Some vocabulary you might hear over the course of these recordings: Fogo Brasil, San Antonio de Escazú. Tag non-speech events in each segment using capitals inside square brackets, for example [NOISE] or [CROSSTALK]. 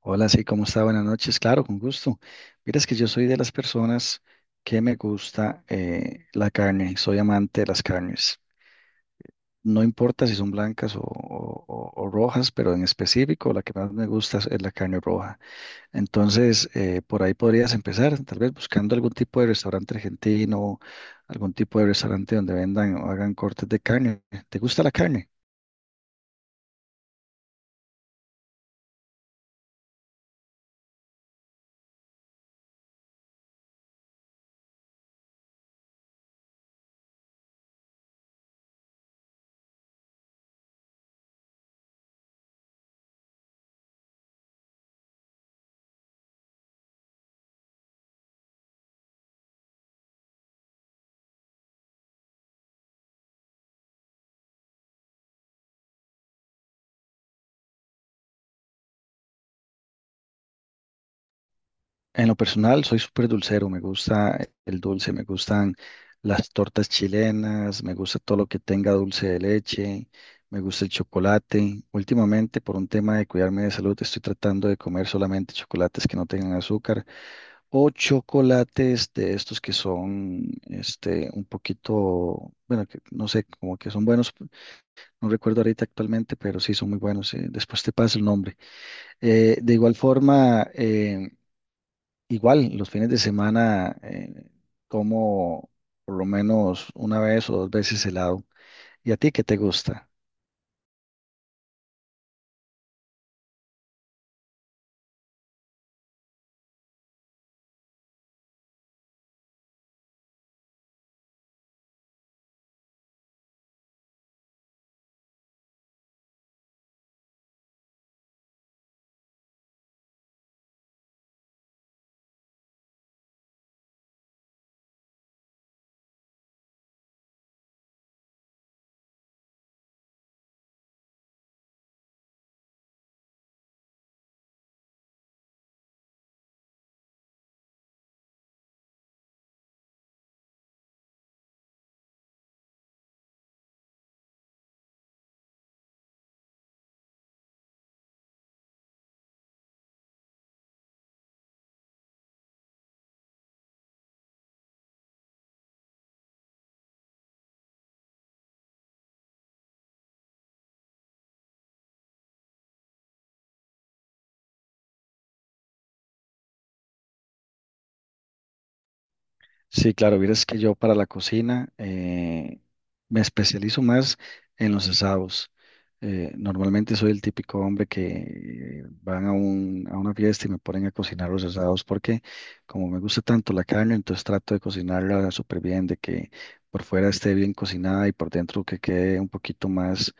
Hola, sí, ¿cómo está? Buenas noches. Claro, con gusto. Mira, es que yo soy de las personas que me gusta la carne, soy amante de las carnes. No importa si son blancas o rojas, pero en específico la que más me gusta es la carne roja. Entonces, por ahí podrías empezar, tal vez buscando algún tipo de restaurante argentino, algún tipo de restaurante donde vendan o hagan cortes de carne. ¿Te gusta la carne? En lo personal, soy súper dulcero, me gusta el dulce, me gustan las tortas chilenas, me gusta todo lo que tenga dulce de leche, me gusta el chocolate. Últimamente, por un tema de cuidarme de salud, estoy tratando de comer solamente chocolates que no tengan azúcar o chocolates de estos que son, este, un poquito, bueno, que no sé, como que son buenos, no recuerdo ahorita actualmente, pero sí son muy buenos. Después te paso el nombre. De igual forma, igual, los fines de semana como por lo menos una vez o dos veces helado. ¿Y a ti qué te gusta? Sí, claro, vieras que yo para la cocina me especializo más en los asados. Normalmente soy el típico hombre que van a una fiesta y me ponen a cocinar los asados porque como me gusta tanto la carne, entonces trato de cocinarla súper bien, de que por fuera esté bien cocinada y por dentro que quede un poquito más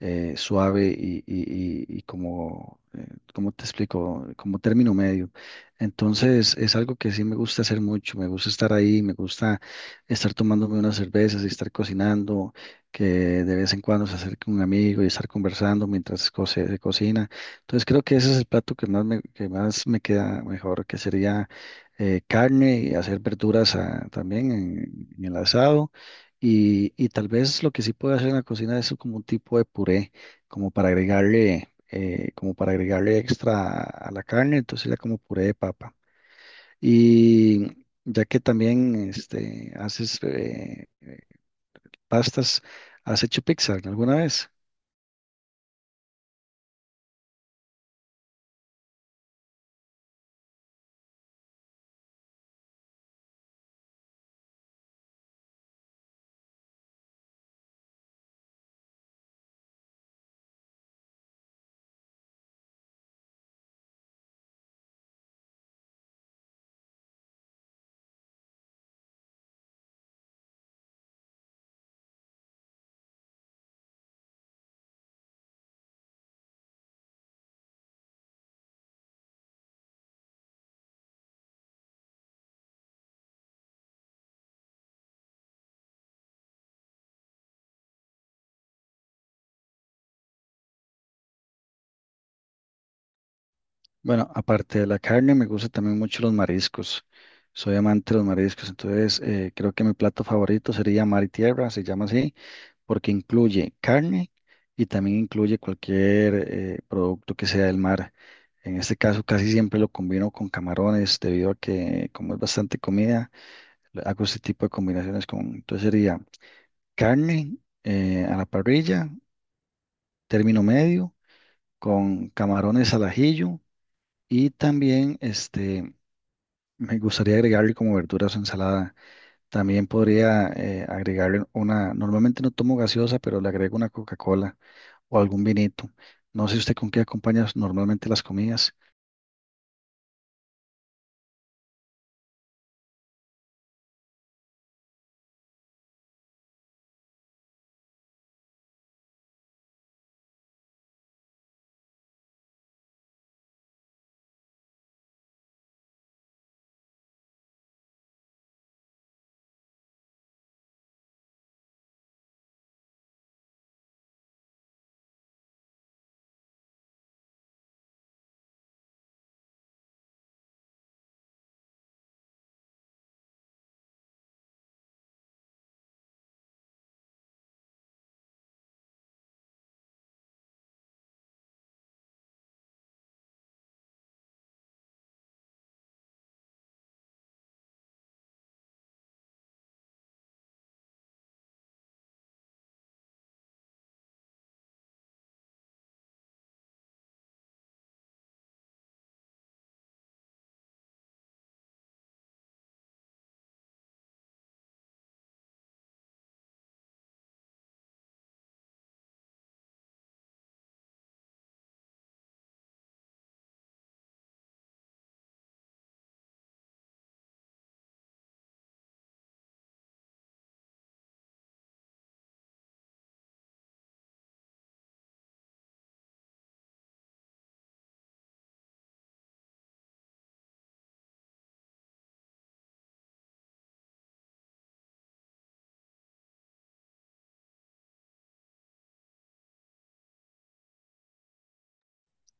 suave y como, ¿cómo te explico? Como término medio. Entonces es algo que sí me gusta hacer mucho, me gusta estar ahí, me gusta estar tomándome unas cervezas y estar cocinando, que de vez en cuando se acerque un amigo y estar conversando mientras se cocina. Entonces creo que ese es el plato que más me queda mejor, que sería carne y hacer verduras ah, también en el asado. Y tal vez lo que sí puedo hacer en la cocina es como un tipo de puré, como para agregarle como para agregarle extra a la carne, entonces la como puré de papa. Y ya que también este, haces pastas, ¿has hecho pizza alguna vez? Bueno, aparte de la carne, me gustan también mucho los mariscos. Soy amante de los mariscos, entonces creo que mi plato favorito sería mar y tierra, se llama así. Porque incluye carne y también incluye cualquier producto que sea del mar. En este caso casi siempre lo combino con camarones debido a que como es bastante comida, le hago este tipo de combinaciones con, entonces sería carne a la parrilla, término medio, con camarones al ajillo y también este, me gustaría agregarle como verduras o ensalada. También podría agregarle una, normalmente no tomo gaseosa, pero le agrego una Coca-Cola o algún vinito. No sé usted con qué acompaña normalmente las comidas.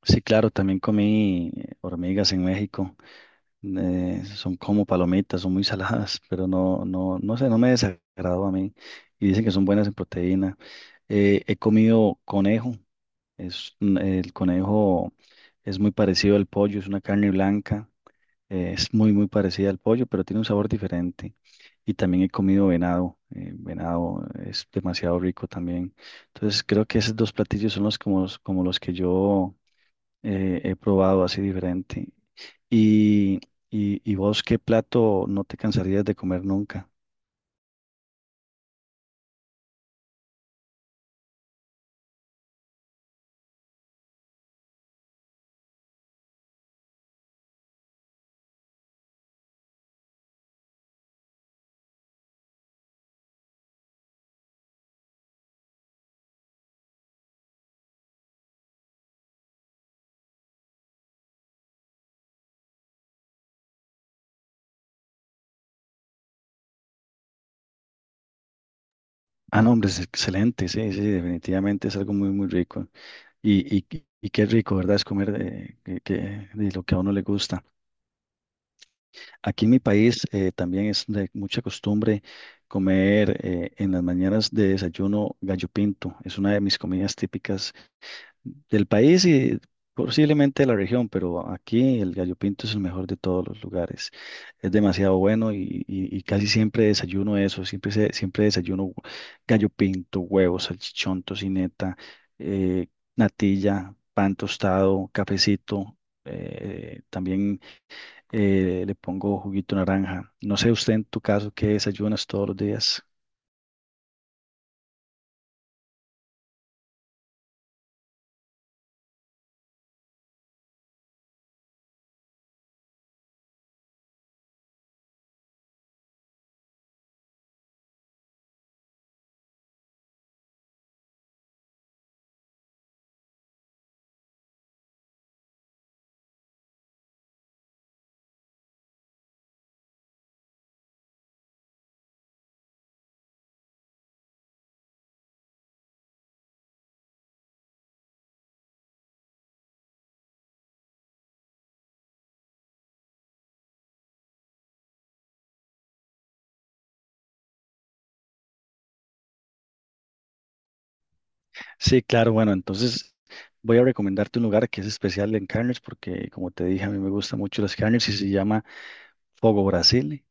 Sí, claro, también comí hormigas en México. Son como palomitas, son muy saladas, [LAUGHS] pero no, no, no sé, no me desagradó a mí. Y dicen que son buenas en proteína. He comido conejo. Es, el conejo es muy parecido al pollo, es una carne blanca. Es muy, muy parecida al pollo, pero tiene un sabor diferente. Y también he comido venado. Venado es demasiado rico también. Entonces creo que esos dos platillos son los como, los- como los que yo he probado así diferente. Y, y vos, ¿qué plato no te cansarías de comer nunca? Ah, no, hombre, es excelente, sí, sí, definitivamente es algo muy, muy rico. Y, y, y qué rico, ¿verdad? Es comer de lo que a uno le gusta. Aquí en mi país también es de mucha costumbre comer en las mañanas de desayuno gallo pinto. Es una de mis comidas típicas del país y posiblemente de la región, pero aquí el gallo pinto es el mejor de todos los lugares. Es demasiado bueno y casi siempre desayuno eso, siempre, siempre desayuno gallo pinto, huevos, salchichón, tocineta, eh, natilla, pan tostado, cafecito. También le pongo juguito de naranja. No sé usted en tu caso qué desayunas todos los días. Sí, claro, bueno, entonces voy a recomendarte un lugar que es especial en carnes porque como te dije, a mí me gustan mucho las carnes y se llama Fogo Brasil.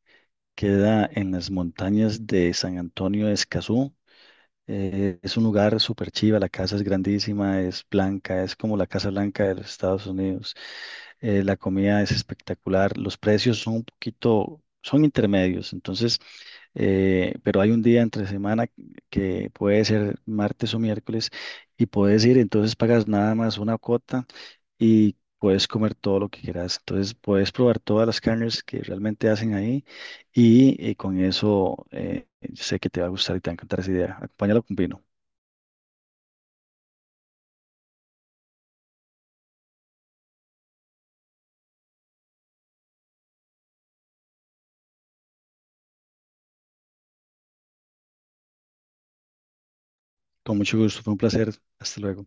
Queda en las montañas de San Antonio de Escazú. Es un lugar súper chiva, la casa es grandísima, es blanca, es como la Casa Blanca de los Estados Unidos. La comida es espectacular, los precios son un poquito, son intermedios, entonces, pero hay un día entre semana que puede ser martes o miércoles y puedes ir, entonces pagas nada más una cuota y puedes comer todo lo que quieras. Entonces puedes probar todas las carnes que realmente hacen ahí y con eso sé que te va a gustar y te va a encantar esa idea. Acompáñalo con vino. Con mucho gusto, fue un placer. Hasta luego.